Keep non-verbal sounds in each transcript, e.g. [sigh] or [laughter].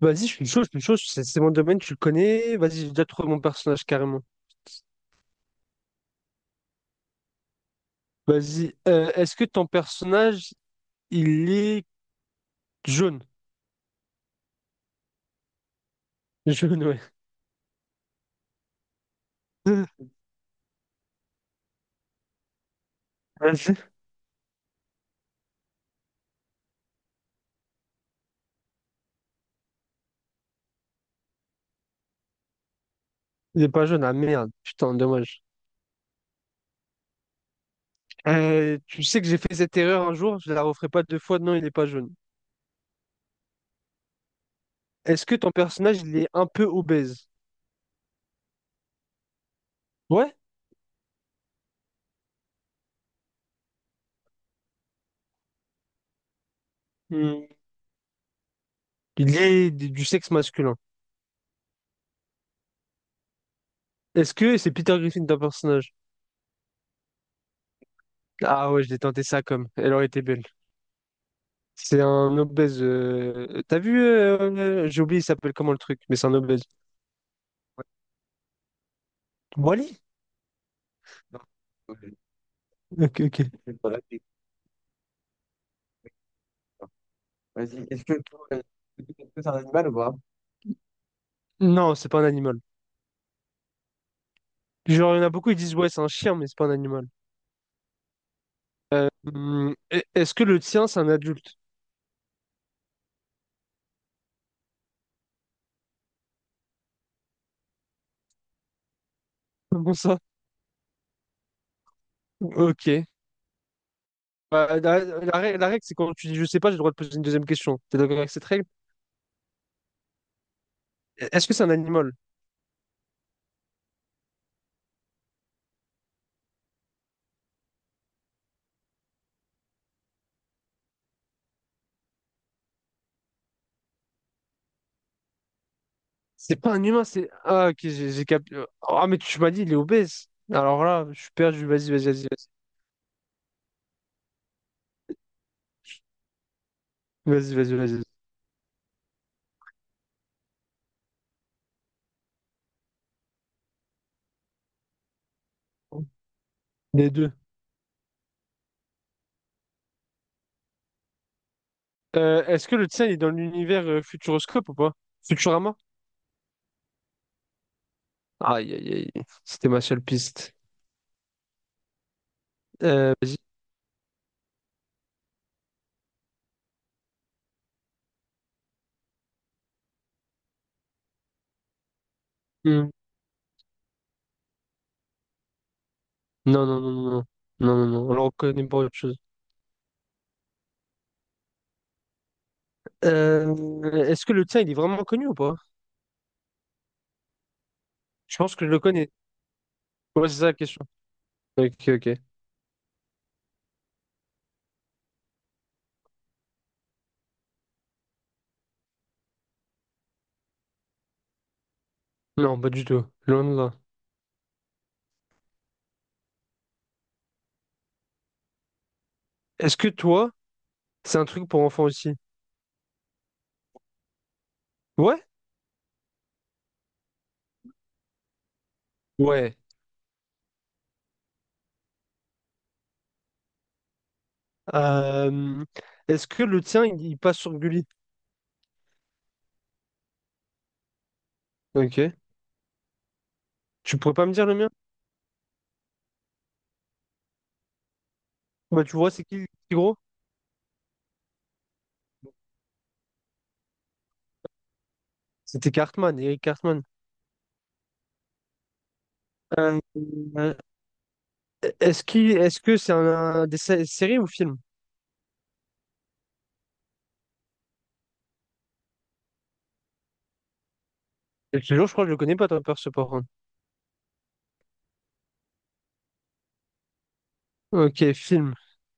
Vas-y, je suis chaud, c'est mon domaine, tu le connais. Vas-y, j'ai déjà trouvé mon personnage carrément. Vas-y, est-ce que ton personnage, il est jaune? Jaune, ouais. [laughs] Vas-y. Il est pas jaune, ah merde, putain, dommage. Tu sais que j'ai fait cette erreur un jour, je la referai pas deux fois, non, il est pas jaune. Est-ce que ton personnage, il est un peu obèse? Ouais. Hmm. Il est du sexe masculin. Est-ce que c'est Peter Griffin ton personnage? Ah ouais, je l'ai tenté ça comme, elle aurait été belle. C'est un obèse. T'as vu, j'ai oublié, il s'appelle comment le truc, mais c'est un obèse. Wally? Ok, ok. Non, c'est pas un animal. Genre, il y en a beaucoup, ils disent, ouais, c'est un chien, mais c'est pas un animal. Est-ce que le tien, c'est un adulte? Comment ça? Ok. Bah, la règle, c'est quand tu dis, je sais pas, j'ai le droit de poser une deuxième question. T'es d'accord avec cette règle? Est-ce que c'est un animal? C'est pas un humain, c'est. Ah, ok, j'ai cap... Ah, mais tu m'as dit, il est obèse. Alors là, je suis perdu. Vas-y, vas-y, vas-y, vas-y. Vas-y, vas-y, vas-y. Les deux. Est-ce que le tien il est dans l'univers Futuroscope ou pas? Futurama? Aïe, aïe, aïe. C'était ma seule piste. Vas-y. Hmm. Non, non, non, non, non. Non, non, non. Alors, on connaît pas autre chose. Euh, Est-ce que le tien, il est vraiment connu ou pas? Je pense que je le connais. Ouais, c'est ça la question. Ok, ok. Non, pas du tout. Loin de là. Est-ce que toi, c'est un truc pour enfants aussi? Ouais? Ouais. Euh, Est-ce que le tien, il passe sur Gulli? Ok. Tu pourrais pas me dire le mien? Bah, tu vois, c'est qui le petit gros? C'était Cartman, Eric Cartman. Euh, Euh, est-ce que c'est un, un séries ou film? Et toujours, je crois que je le connais pas, Tom Perce, par contre. Ok, film.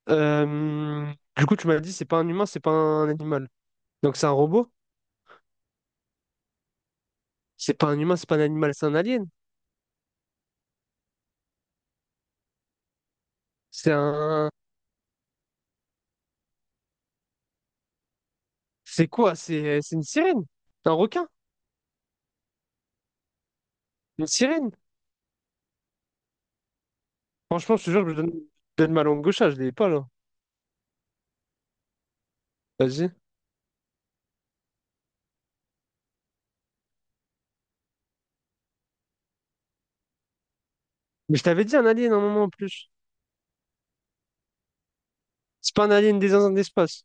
Du coup, tu m'as dit, c'est pas un humain, c'est pas un animal. Donc, c'est un robot? C'est pas un humain, c'est pas un animal, c'est un alien. C'est un. C'est quoi? C'est une sirène? Un requin? Une sirène? Franchement, je te jure, je donne ma langue gauche, ah, je l'ai pas là. Vas-y. Mais je t'avais dit un alien un moment en plus. C'est pas un alien des zinzins de l'espace.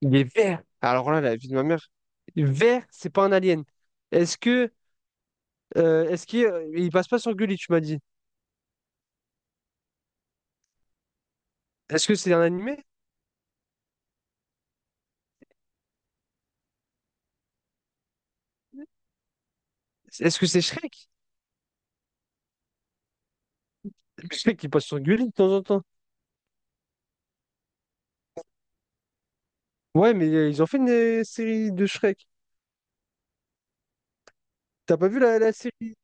Il est vert. Alors là, la vie de ma mère. Vert, c'est pas un alien. Est-ce que Est-ce qu'il il passe pas sur Gulli, tu m'as dit? Est-ce que c'est un animé? Est-ce que c'est Shrek? [laughs] Shrek, il passe sur Gulli de temps en temps. Ouais, mais ils ont fait une série de Shrek. T'as pas vu la série?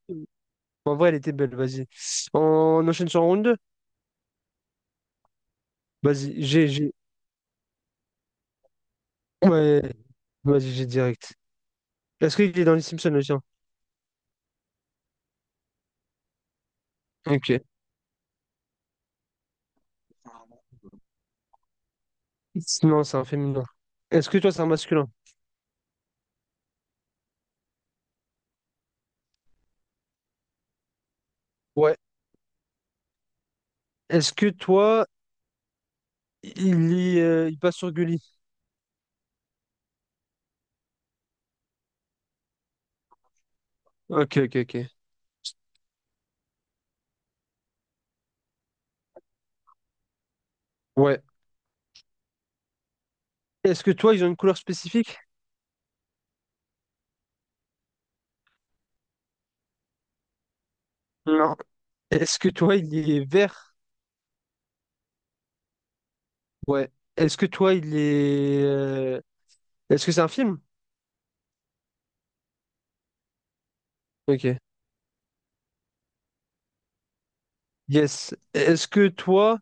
En vrai, elle était belle, vas-y. On enchaîne sur round 2. Vas-y, j'ai, j'ai. Ouais, vas-y, j'ai direct. Est-ce qu'il est dans les Simpsons, le tien? Ok. Non, c'est un féminin. Est-ce que toi, c'est un masculin? Ouais. Est-ce que toi, il passe sur Gulli? Ok, ok, ok. Ouais. Est-ce que toi, ils ont une couleur spécifique? Non. Est-ce que toi, il est vert? Ouais. Est-ce que toi, il est... Est-ce que c'est un film? Ok. Yes. Est-ce que toi,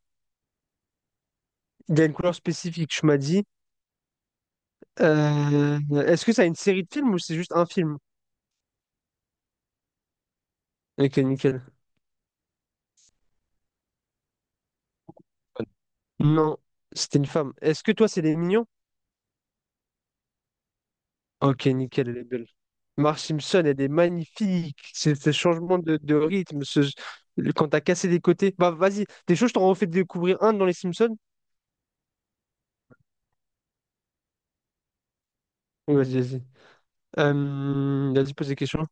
il y a une couleur spécifique, tu m'as dit. Euh, Est-ce que ça a une série de films ou c'est juste un film? Ok, nickel. Non, c'était une femme. Est-ce que toi, c'est les mignons? Ok, nickel, elle est belle. Marge Simpson, elle est magnifique. C'est ce changement de rythme, ce, quand t'as cassé des côtés. Bah, vas-y, des choses, je t'en refais découvrir un dans les Simpsons. Oui, vas-y, vas-y. Vas-y, pose des questions.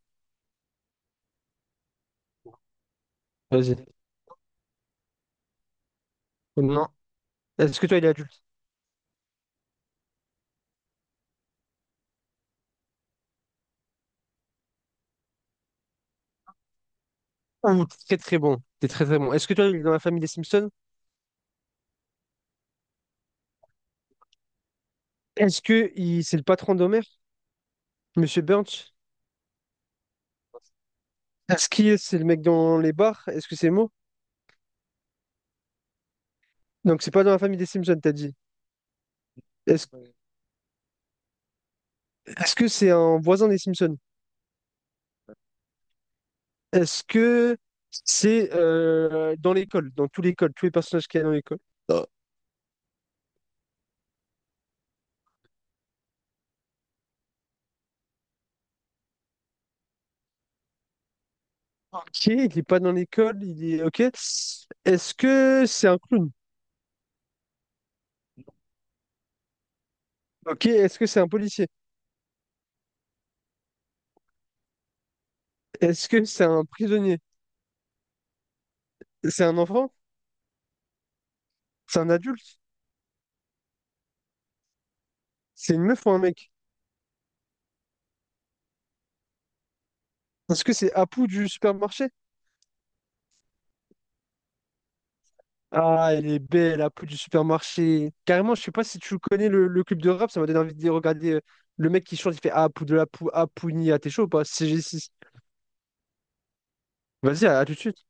Vas-y. Non. Est-ce que toi, il est adulte? Ouh, très très bon. T'es très très bon. Est-ce que toi, il est dans la famille des Simpsons? C'est le patron d'Homer? Monsieur Burns? Est-ce qu'il C'est le mec dans les bars? Est-ce que c'est Mo? Donc, c'est pas dans la famille des Simpsons, t'as dit. Est-ce Est-ce que c'est un voisin des Simpsons? Est-ce que c'est dans l'école, tous les personnages qu'il y a dans l'école? Ok, il n'est pas dans l'école, il est... Ok. Est-ce que c'est un clown? Ok, est-ce que c'est un policier? Est-ce que c'est un prisonnier? C'est un enfant? C'est un adulte? C'est une meuf ou un mec? Est-ce que c'est Apu du supermarché? Ah, elle est belle, Apu du supermarché. Carrément, je sais pas si tu connais le club de rap, ça m'a donné envie de regarder le mec qui chante, il fait Apu de la pou, Apu ni à t'es chaud ou pas? CG6. Vas-y, à tout de suite.